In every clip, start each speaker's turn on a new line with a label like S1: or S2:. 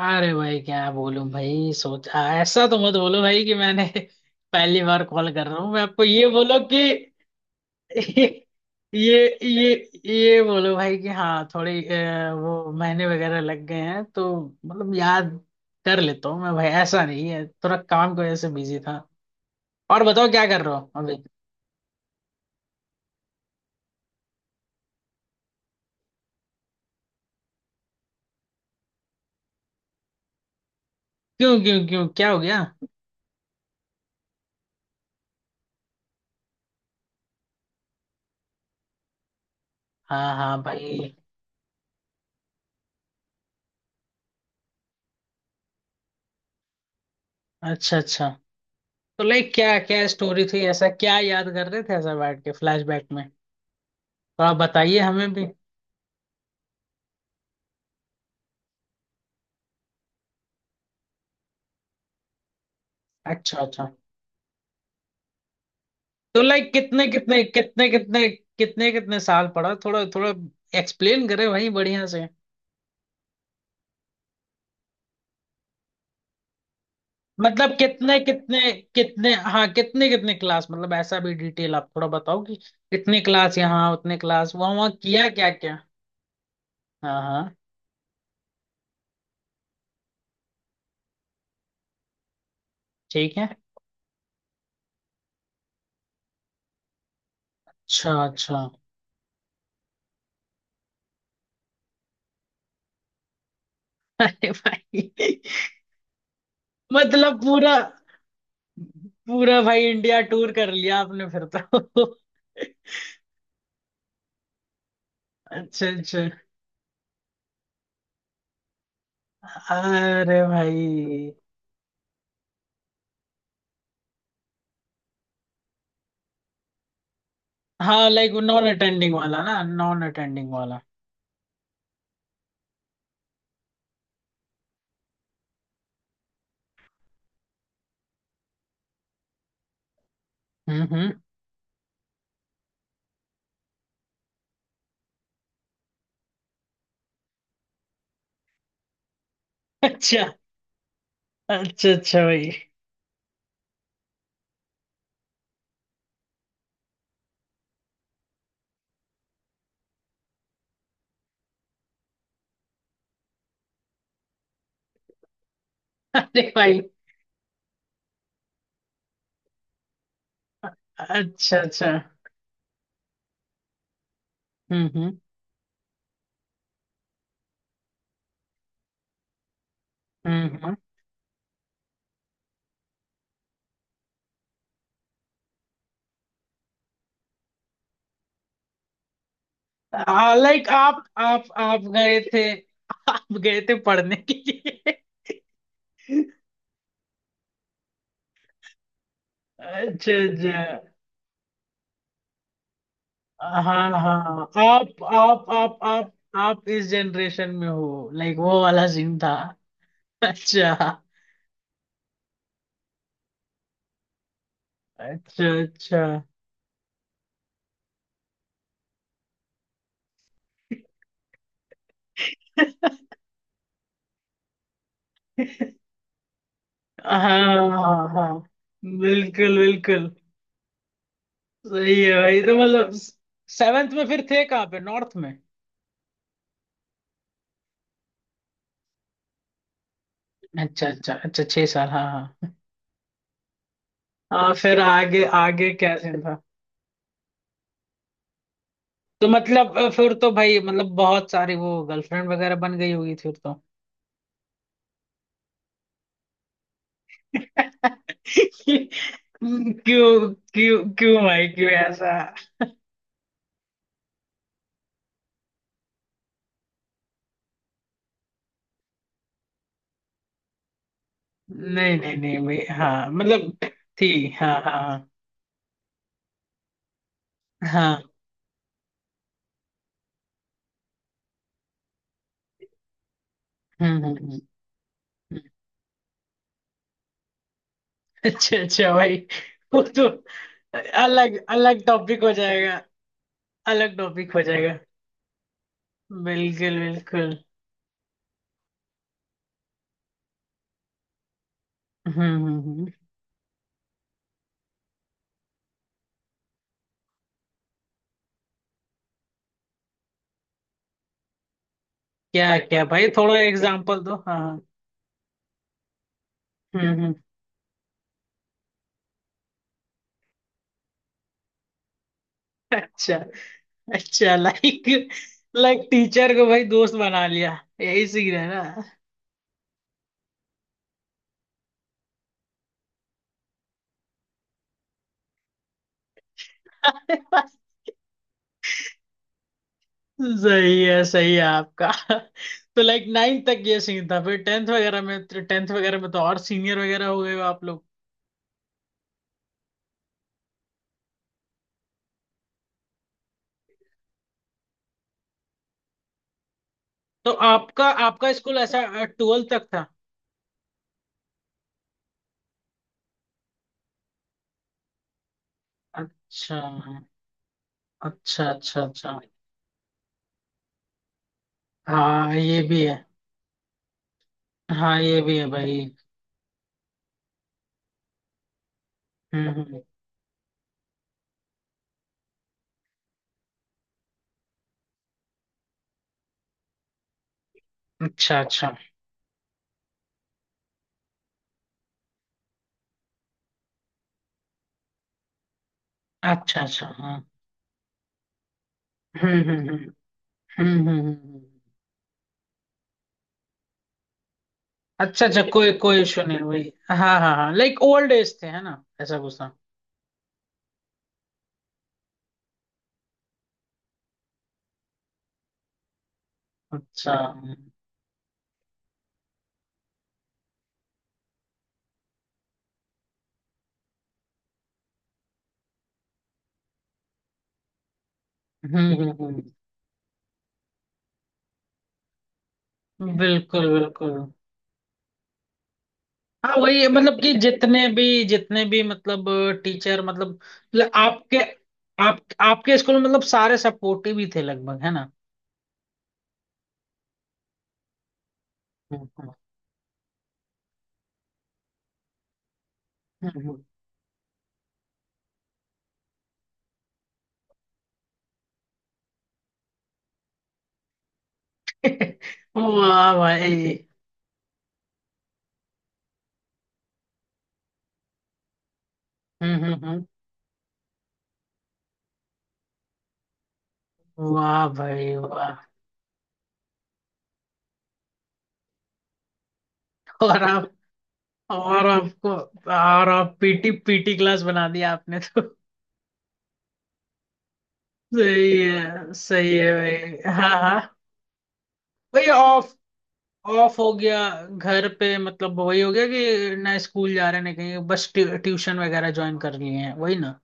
S1: अरे भाई क्या बोलूं भाई। सोचा ऐसा तो मत बोलो भाई कि मैंने पहली बार कॉल कर रहा हूँ मैं आपको। ये बोलो कि ये ये ये बोलो भाई कि हाँ थोड़ी वो महीने वगैरह लग गए हैं। तो मतलब याद कर लेता हूँ मैं भाई, ऐसा नहीं है, थोड़ा काम की वजह से बिजी था। और बताओ क्या कर रहे हो अभी। क्यों क्यों क्यों क्या हो गया। हाँ हाँ भाई। अच्छा अच्छा। तो लाइक क्या क्या स्टोरी थी, ऐसा क्या याद कर रहे थे ऐसा बैठ के फ्लैशबैक में। तो आप बताइए हमें भी। अच्छा अच्छा। तो लाइक कितने कितने कितने साल पढ़ा, थोड़ा थोड़ा एक्सप्लेन करे भाई बढ़िया से। मतलब कितने कितने कितने हाँ कितने कितने क्लास, मतलब ऐसा भी डिटेल आप थोड़ा बताओ कि कितने क्लास यहाँ उतने क्लास वहाँ वहाँ किया क्या क्या। हाँ हाँ। ठीक है। अच्छा अच्छा। अरे भाई मतलब पूरा पूरा भाई इंडिया टूर कर लिया आपने फिर तो अच्छा अच्छा। अरे भाई। हाँ लाइक नॉन अटेंडिंग वाला ना, नॉन अटेंडिंग वाला। हम्म। अच्छा अच्छा अच्छा भाई। अरे भाई। अच्छा अच्छा। हम्म हम्म। लाइक आप गए थे, आप गए थे पढ़ने के लिए। अच्छा अच्छा। हाँ हाँ आप इस जनरेशन में हो, लाइक वो वाला सीन था। अच्छा अच्छा अच्छा। हाँ हाँ हाँ। बिल्कुल बिल्कुल। सही है भाई, तो मतलब सेवेंथ में फिर थे कहाँ पे, नॉर्थ में। अच्छा अच्छा अच्छा छह साल, हाँ हाँ। हाँ फिर आगे आगे क्या सीन था। तो मतलब फिर तो भाई मतलब बहुत सारी वो गर्लफ्रेंड वगैरह बन गई होगी फिर तो क्यों क्यों क्यों भाई क्यों ऐसा। नहीं नहीं नहीं भाई, हाँ मतलब। थी हाँ हाँ हाँ हाँ। हम्म हम्म हम्म। अच्छा अच्छा भाई। वो तो अलग अलग टॉपिक हो जाएगा, अलग टॉपिक हो जाएगा। बिल्कुल बिल्कुल। हम्म हम्म हम्म। क्या लाइक क्या भाई, थोड़ा एग्जांपल दो, हाँ हाँ। हम्म। अच्छा अच्छा लाइक लाइक टीचर को भाई दोस्त बना लिया, यही सीन है ना। सही है आपका। तो लाइक नाइन्थ तक ये सीन था, फिर टेंथ वगैरह में, टेंथ वगैरह में तो और सीनियर वगैरह हो गए हो आप लोग। तो आपका आपका स्कूल ऐसा ट्वेल्थ तक था। अच्छा अच्छा अच्छा अच्छा। हाँ ये भी है। हाँ ये भी है भाई। हम्म। अच्छा अच्छा अच्छा अच्छा। हाँ। हम्म हम्म हम्म हम्म हम्म, हम्म। अच्छा अच्छा कोई कोई इशू नहीं, वही। हाँ हाँ हाँ लाइक ओल्ड एज थे है ना, ऐसा कुछ था। अच्छा। हम्म हम्म। बिल्कुल बिल्कुल। हाँ वही है, मतलब कि जितने भी मतलब टीचर मतलब, ल- आपके, आप आपके स्कूल में मतलब सारे सपोर्टिव ही थे लगभग है ना। हम्म, हम्म, हम्म, हम्म। वाह भाई। हम्म हम्म हम्म। वाह भाई वाह। और आप और आपको और आप पीटी पीटी क्लास बना दिया आपने तो। सही है भाई, हाँ हाँ। भाई ऑफ, ऑफ हो गया। घर पे मतलब वही हो गया कि ना स्कूल जा रहे ना कहीं, बस ट्यूशन वगैरह ज्वाइन कर लिए हैं वही ना।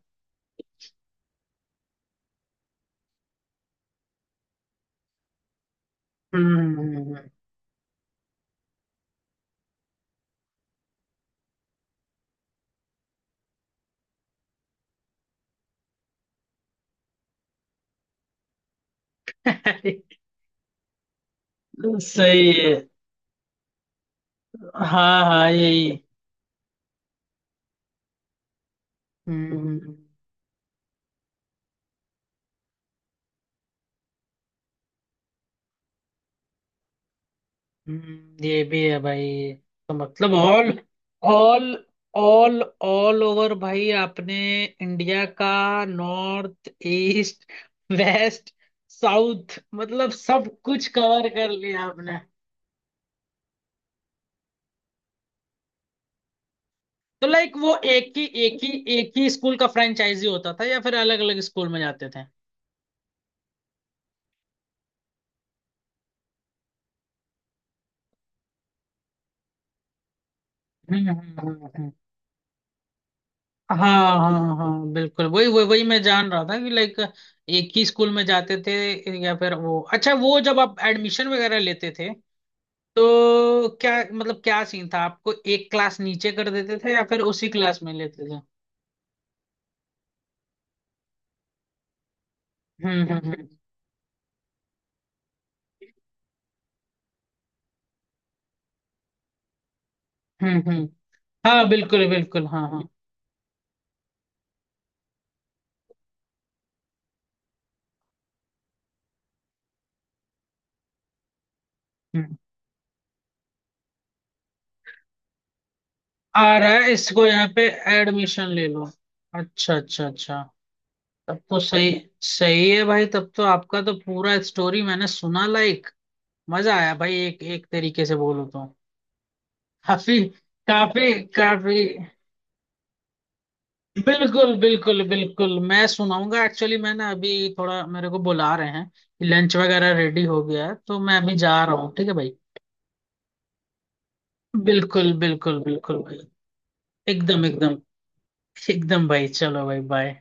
S1: हम्म सही है। हाँ हाँ यही। हम्म हम्म, हम्म। ये भी है भाई। तो मतलब ऑल, ऑल ऑल ओवर भाई, आपने इंडिया का नॉर्थ ईस्ट वेस्ट साउथ मतलब सब कुछ कवर कर लिया आपने। तो लाइक वो एक ही स्कूल का फ्रेंचाइजी होता था या फिर अलग अलग स्कूल में जाते थे। हम्म हम्म, हम्म। हाँ हाँ हाँ बिल्कुल, वही वही वही मैं जान रहा था कि लाइक एक ही स्कूल में जाते थे, या फिर वो, अच्छा, वो जब आप एडमिशन वगैरह लेते थे तो क्या मतलब क्या सीन था, आपको एक क्लास नीचे कर देते थे या फिर उसी क्लास में लेते थे। हम्म हम्म हम्म हम्म हम्म। हाँ बिल्कुल बिल्कुल हाँ हाँ। हम्म। आ रहा है, इसको यहाँ पे एडमिशन ले लो। अच्छा अच्छा अच्छा। तब तो सही, सही है भाई, तब तो आपका तो पूरा स्टोरी मैंने सुना लाइक, मजा आया भाई एक एक तरीके से बोलो तो। काफी काफी काफी। बिल्कुल बिल्कुल बिल्कुल, मैं सुनाऊंगा एक्चुअली मैंने अभी थोड़ा, मेरे को बुला रहे हैं कि लंच वगैरह रेडी हो गया है, तो मैं अभी जा रहा हूँ, ठीक है भाई। बिल्कुल बिल्कुल बिल्कुल भाई। एकदम एकदम एकदम भाई चलो भाई बाय।